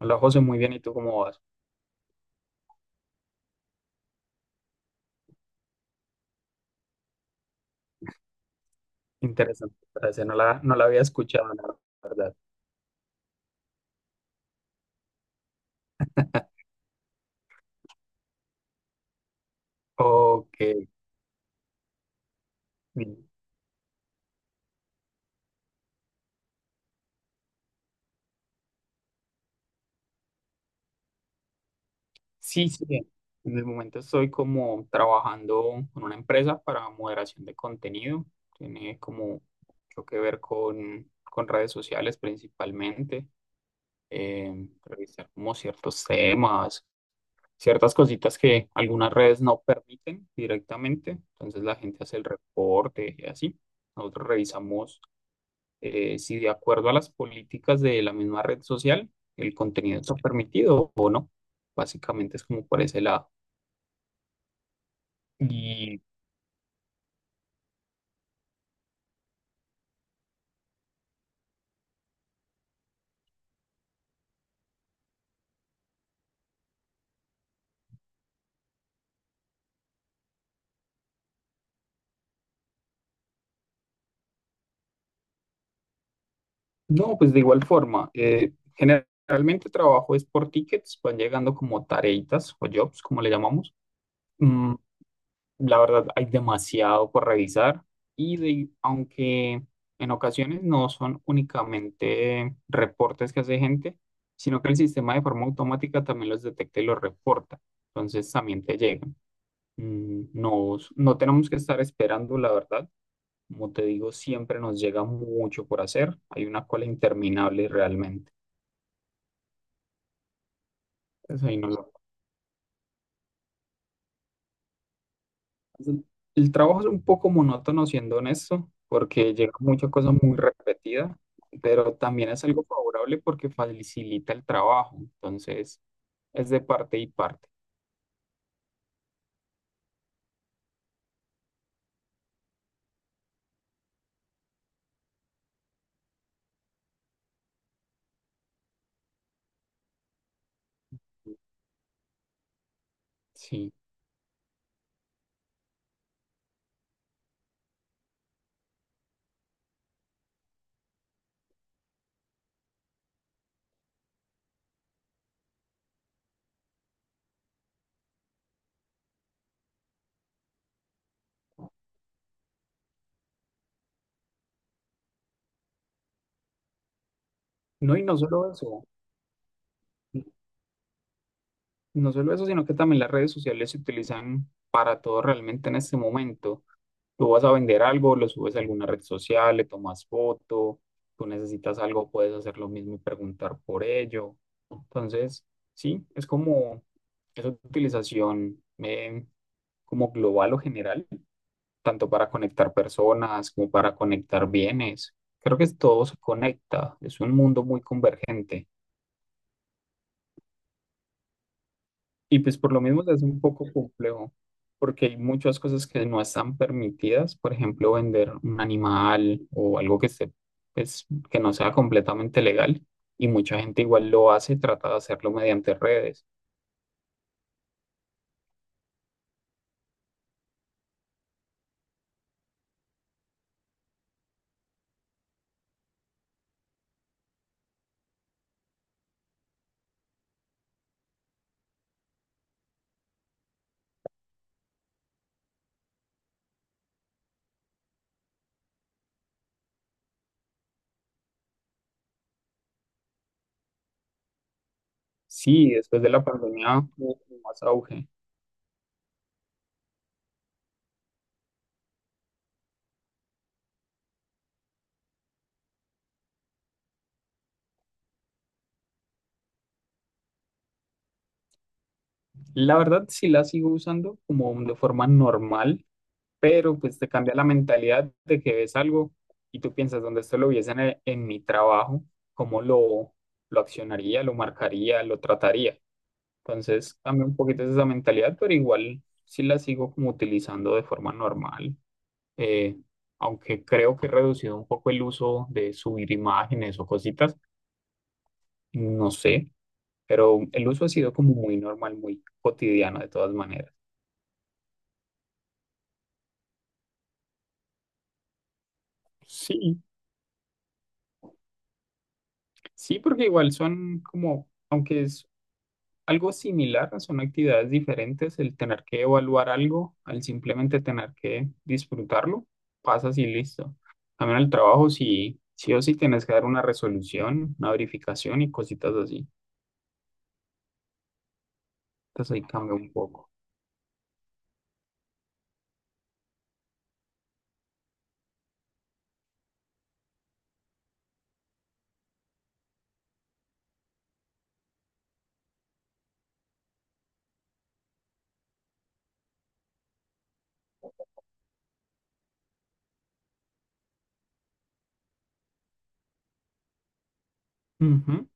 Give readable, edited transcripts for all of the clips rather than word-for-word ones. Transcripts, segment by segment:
Hola José, muy bien. ¿Y tú cómo vas? Interesante frase. No la había escuchado, la verdad. Ok. Bien. Sí, sí. Bien. En el momento estoy como trabajando con una empresa para moderación de contenido. Tiene como mucho que ver con redes sociales principalmente. Revisar como ciertos temas, ciertas cositas que algunas redes no permiten directamente. Entonces la gente hace el reporte y así. Nosotros revisamos. Si de acuerdo a las políticas de la misma red social, el contenido está permitido o no. Básicamente es como por ese lado. Y no, pues de igual forma, generalmente trabajo es por tickets, van llegando como tareitas o jobs, como le llamamos. Mm, la verdad, hay demasiado por revisar y aunque en ocasiones no son únicamente reportes que hace gente, sino que el sistema de forma automática también los detecta y los reporta. Entonces también te llegan. No, no tenemos que estar esperando, la verdad. Como te digo, siempre nos llega mucho por hacer. Hay una cola interminable realmente. Entonces, ahí no lo- El trabajo es un poco monótono, siendo honesto, porque llega mucha cosa muy repetida, pero también es algo favorable porque facilita el trabajo. Entonces, es de parte y parte. Sí. No, y no solo eso. No solo eso, sino que también las redes sociales se utilizan para todo realmente en este momento. Tú vas a vender algo, lo subes a alguna red social, le tomas foto, tú necesitas algo, puedes hacer lo mismo y preguntar por ello. Entonces, sí, es como esa utilización, como global o general, tanto para conectar personas como para conectar bienes. Creo que todo se conecta, es un mundo muy convergente. Y pues por lo mismo es un poco complejo, porque hay muchas cosas que no están permitidas, por ejemplo, vender un animal o algo que esté, pues, que no sea completamente legal, y mucha gente igual lo hace, trata de hacerlo mediante redes. Sí, después de la pandemia hubo como más auge. La verdad sí la sigo usando como de forma normal, pero pues te cambia la mentalidad de que ves algo y tú piensas, donde esto lo viesen en mi trabajo, ¿cómo lo accionaría, lo marcaría, lo trataría? Entonces cambia un poquito esa mentalidad, pero igual sí la sigo como utilizando de forma normal, eh, aunque creo que he reducido un poco el uso de subir imágenes o cositas, no sé, pero el uso ha sido como muy normal, muy cotidiano de todas maneras. Sí, sí, porque igual son como, aunque es algo similar, son actividades diferentes, el tener que evaluar algo, al simplemente tener que disfrutarlo, pasas y listo. También el trabajo, si sí, sí o sí tienes que dar una resolución, una verificación y cositas así. Entonces ahí cambia un poco. Ujú.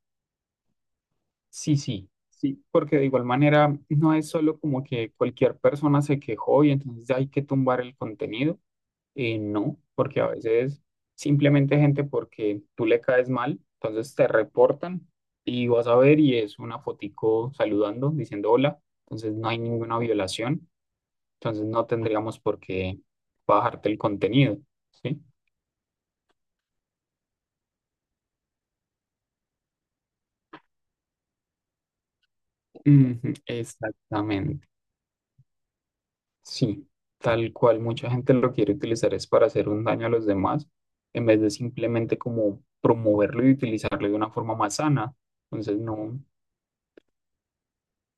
Sí, sí, sí, porque de igual manera no es solo como que cualquier persona se quejó y entonces ya hay que tumbar el contenido. No, porque a veces simplemente gente porque tú le caes mal, entonces te reportan y vas a ver y es una fotico saludando, diciendo hola, entonces no hay ninguna violación, entonces no tendríamos por qué bajarte el contenido, ¿sí? Ujú, exactamente, sí, tal cual mucha gente lo quiere utilizar es para hacer un daño a los demás, en vez de simplemente como promoverlo y utilizarlo de una forma más sana, entonces no,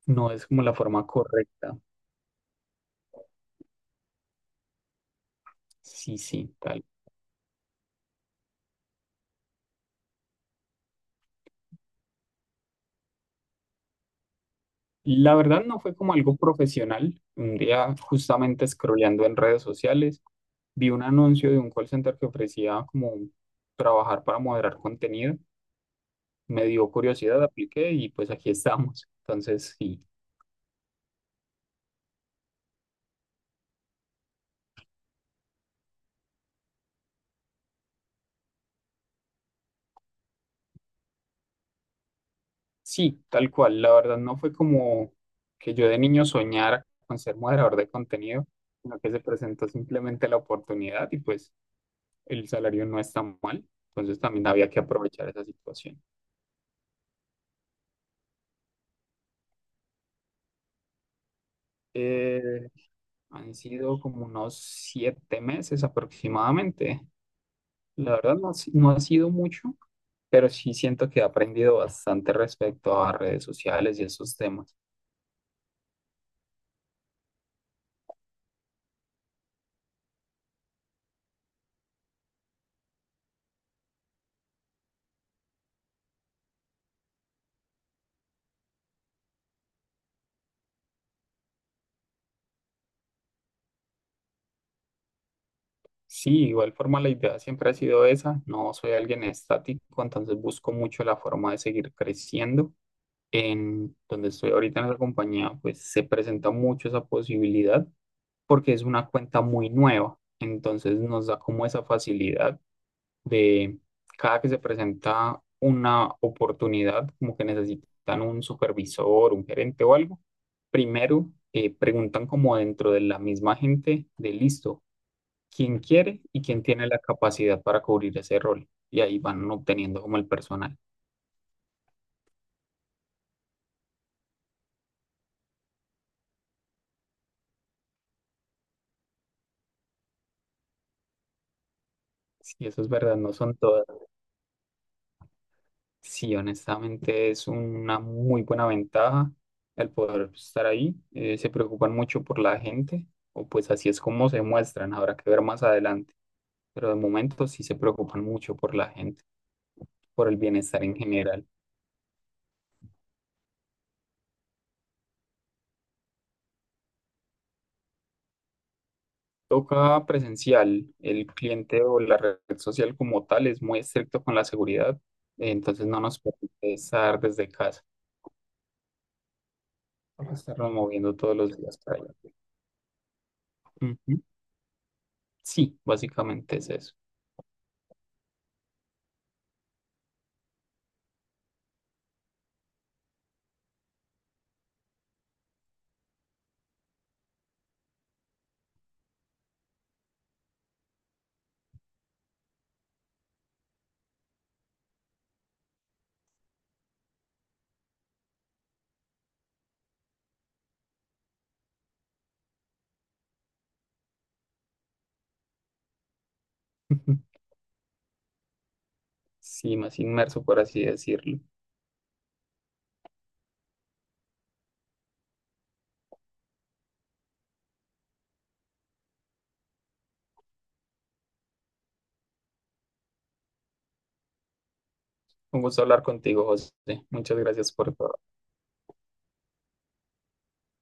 no es como la forma correcta. Sí, sí, tal. La verdad no fue como algo profesional. Un día, justamente scrolleando en redes sociales, vi un anuncio de un call center que ofrecía como trabajar para moderar contenido. Me dio curiosidad, apliqué y pues aquí estamos. Entonces, sí, sí, tal cual. La verdad no fue como que yo de niño soñara con ser moderador de contenido, sino que se presentó simplemente la oportunidad y pues el salario no está mal. Entonces también había que aprovechar esa situación. Eh, Han sido como unos 7 meses aproximadamente. La verdad no, ha si- no ha sido mucho, pero sí siento que he aprendido bastante respecto a redes sociales y esos temas. Sí, igual forma la idea siempre ha sido esa. No soy alguien estático, entonces busco mucho la forma de seguir creciendo. En donde estoy ahorita en la compañía, pues se presenta mucho esa posibilidad porque es una cuenta muy nueva. Entonces nos da como esa facilidad de cada que se presenta una oportunidad, como que necesitan un supervisor, un gerente o algo, primero preguntan como dentro de la misma gente de listo, quién quiere y quién tiene la capacidad para cubrir ese rol. Y ahí van obteniendo como el personal. Si eso es verdad, no son todas. Sí, honestamente es una muy buena ventaja el poder estar ahí. Se preocupan mucho por la gente, o pues así es como se muestran. Habrá que ver más adelante. Pero de momento sí se preocupan mucho por la gente, por el bienestar en general. Toca presencial, el cliente o la red social como tal es muy estricto con la seguridad, entonces no nos permite estar desde casa, para estarnos moviendo todos los días para allá. Ujú. Sí, básicamente es eso. Sí, más inmerso, por así decirlo. Un gusto hablar contigo, José. Muchas gracias por todo.